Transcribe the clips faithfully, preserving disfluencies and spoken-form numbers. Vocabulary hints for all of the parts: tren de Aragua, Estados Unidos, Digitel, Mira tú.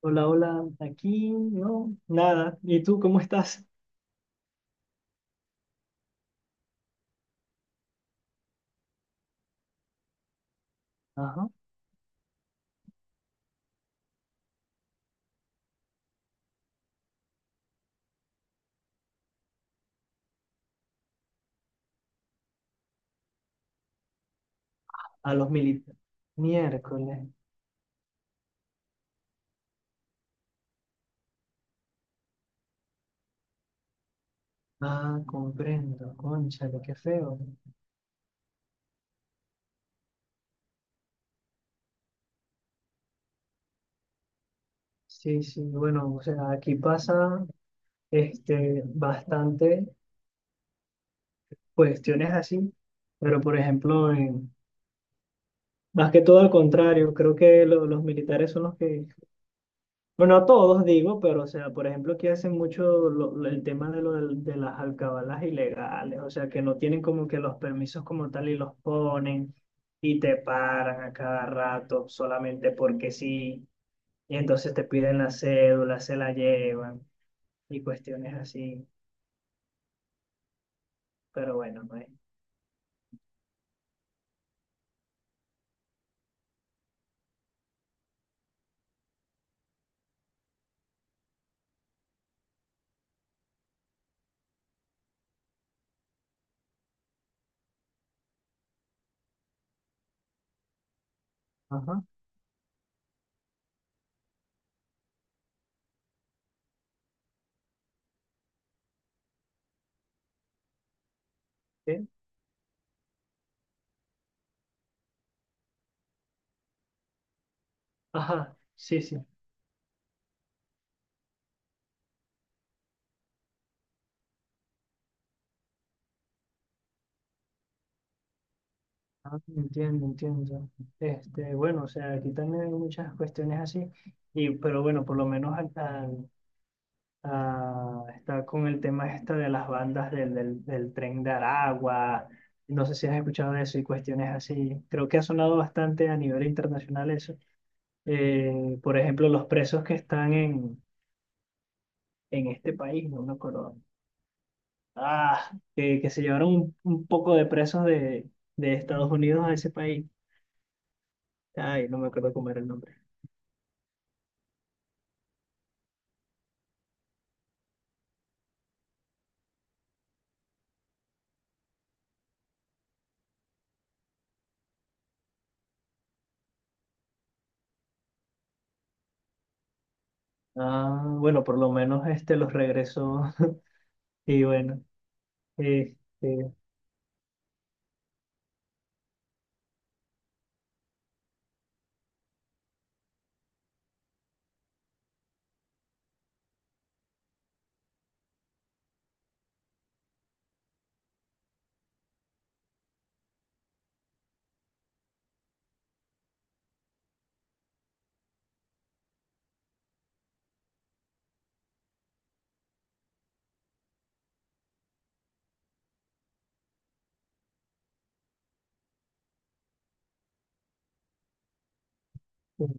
Hola, hola, aquí no, nada. ¿Y tú cómo estás? Ajá, a los militares. Miércoles. Ah, comprendo, cónchale, qué feo. Sí, sí, bueno, o sea, aquí pasa este, bastante cuestiones así, pero por ejemplo, en- más que todo al contrario, creo que lo- los militares son los que. Bueno, a todos digo, pero o sea, por ejemplo, aquí hacen mucho lo- lo- el tema de, lo del- de las alcabalas ilegales, o sea, que no tienen como que los permisos como tal y los ponen y te paran a cada rato solamente porque sí, y entonces te piden la cédula, se la llevan y cuestiones así, pero bueno, no es. Ajá, sí. Ajá, sí, sí. Ah, entiendo, entiendo. Este, bueno, o sea, aquí también hay muchas cuestiones así, y, pero bueno, por lo menos acá. Ah, está con el tema este de las bandas del, del, del tren de Aragua. No sé si has escuchado de eso y cuestiones así. Creo que ha sonado bastante a nivel internacional eso. Eh, por ejemplo, los presos que están en, en este país, no me acuerdo. Ah, que, que se llevaron un, un poco de presos de, de Estados Unidos a ese país. Ay, no me acuerdo cómo era el nombre. Ah, bueno, por lo menos este los regresó. Y bueno, este,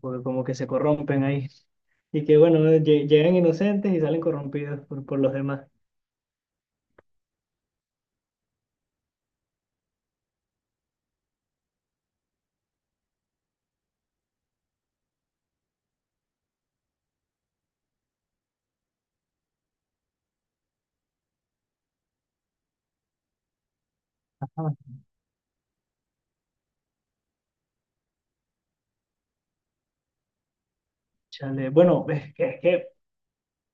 porque como que se corrompen ahí. Y que bueno, lle- llegan inocentes y salen corrompidos por, por los demás. Ajá. Chale, bueno, es que, es que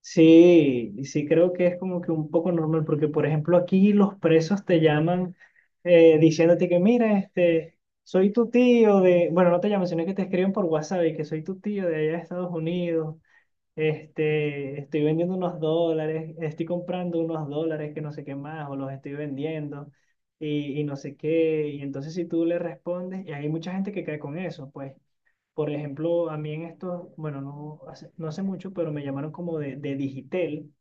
sí, sí creo que es como que un poco normal, porque por ejemplo aquí los presos te llaman, eh, diciéndote que mira, este, soy tu tío de, bueno, no te llaman, sino que te escriben por WhatsApp y que soy tu tío de allá de Estados Unidos. Este, estoy vendiendo unos dólares, estoy comprando unos dólares que no sé qué más, o los estoy vendiendo y, y no sé qué. Y entonces si tú le respondes, y hay mucha gente que cae con eso, pues, por ejemplo, a mí en esto, bueno, no hace, no hace mucho, pero me llamaron como de, de Digitel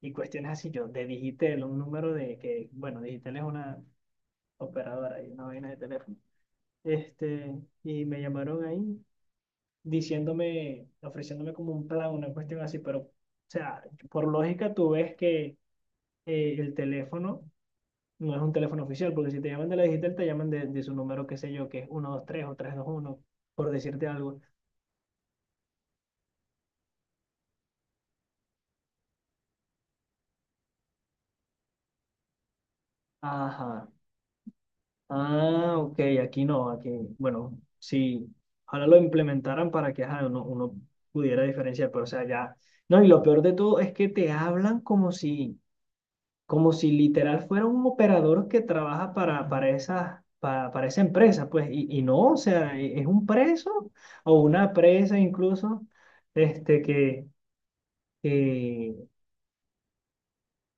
y cuestiones así, yo, de Digitel, un número de que, bueno, Digitel es una operadora y una vaina de teléfono. Este, y me llamaron ahí diciéndome, ofreciéndome como un plan, una cuestión así, pero, o sea, por lógica tú ves que eh, el teléfono no es un teléfono oficial, porque si te llaman de la digital, te llaman de, de su número, qué sé yo, que es uno dos tres o tres dos uno por decirte algo. Ajá. Ah, ok, aquí no, aquí, bueno, sí, ahora lo implementaran para que ajá, uno, uno pudiera diferenciar, pero o sea, ya. No, y lo peor de todo es que te hablan como si como si literal fuera un operador que trabaja para, para, esa, para, para esa empresa, pues, y, y no, o sea, e- es un preso o una presa incluso, este, que, que,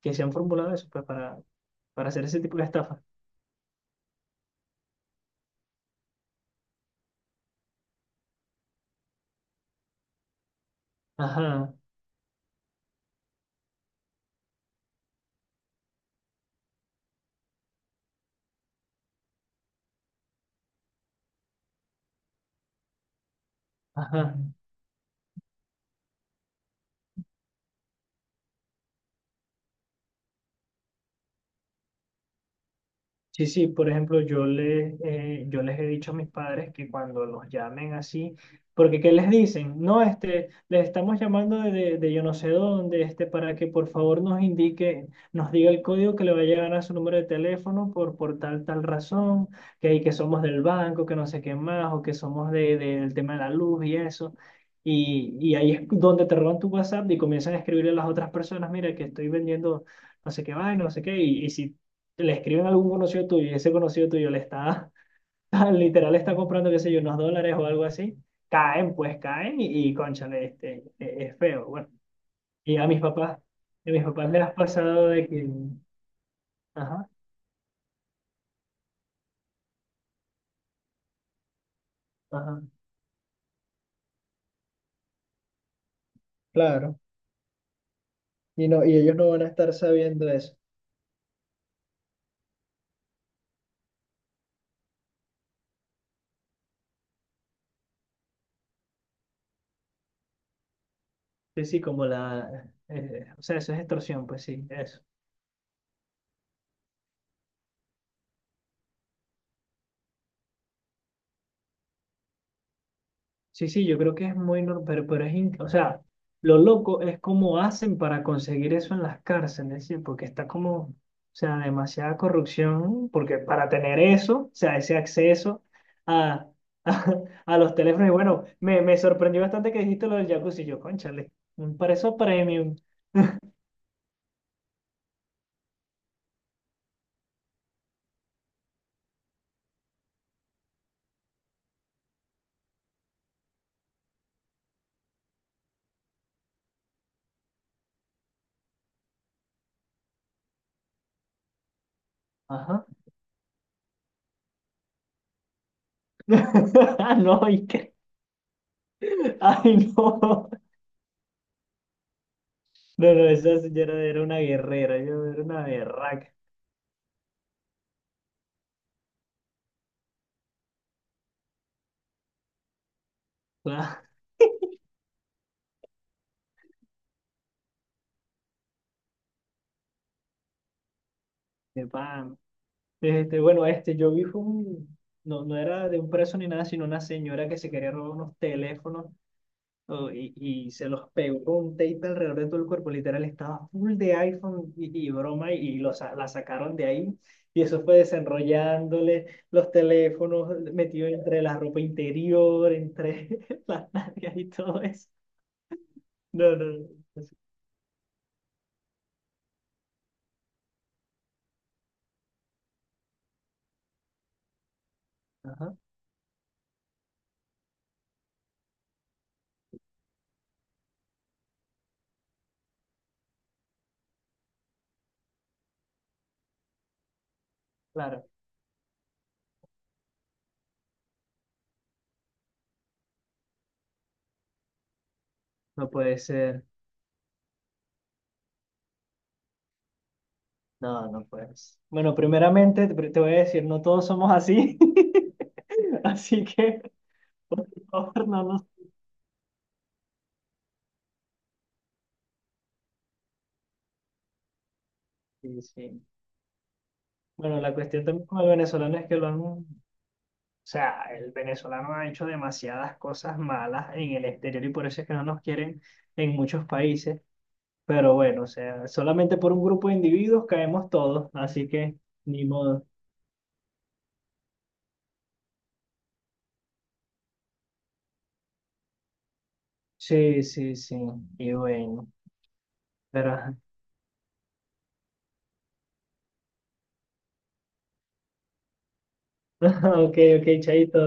que se han formulado eso, pues, para, para hacer ese tipo de estafa. Ajá, ajá. Sí, sí, por ejemplo, yo, le, eh, yo les he dicho a mis padres que cuando los llamen así, porque ¿qué les dicen? No, este, les estamos llamando de, de, de yo no sé dónde, este, para que por favor nos indique, nos diga el código que le va a llegar a su número de teléfono por, por tal, tal razón, que, ahí que somos del banco, que no sé qué más, o que somos de, de- del tema de la luz y eso. Y, y ahí es donde te roban tu WhatsApp y comienzan a escribirle a las otras personas, mira, que estoy vendiendo no sé qué vaina, no sé qué, y, y si le escriben a algún conocido tuyo y ese conocido tuyo le está, literal, le está comprando, qué sé yo, unos dólares o algo así, caen, pues caen y, y cónchale, este, e- es feo. Bueno, y a mis papás, a mis papás les ha pasado de que, ajá, ajá. Claro. Y no, y ellos no van a estar sabiendo eso. Sí, sí, como la, eh, o sea, eso es extorsión, pues sí, eso. Sí, sí, yo creo que es muy normal, pero, pero es, in- o sea, lo loco es cómo hacen para conseguir eso en las cárceles, ¿sí? Porque está como, o sea, demasiada corrupción, porque para tener eso, o sea, ese acceso a, a, a los teléfonos, y bueno, me, me sorprendió bastante que dijiste lo del jacuzzi, yo, cónchale, un para eso premium, ajá, no, y que, ay, no, no, no, esa señora era una guerrera, yo era una berraca, Ah, de pan. Este, bueno, este, yo vi fue un, no, no era de un preso ni nada, sino una señora que se quería robar unos teléfonos, oh, y, y se los pegó con un tape alrededor de todo el cuerpo, literal, estaba full de iPhone y, y broma y, los, sa- la sacaron de ahí y eso fue desenrollándole los teléfonos metidos entre la ropa interior, entre las nalgas y todo eso. No, no, no. No. Ajá, claro, no puede ser. No, no puedes. Bueno, primeramente te te voy a decir, no todos somos así, así que, por favor, no nos... Sí, sí. Bueno, la cuestión también con el venezolano es que lo han... O sea, el venezolano ha hecho demasiadas cosas malas en el exterior y por eso es que no nos quieren en muchos países. Pero bueno, o sea, solamente por un grupo de individuos caemos todos, así que ni modo. Sí, sí, sí. Y bueno, pero... Ok, ok, chaito.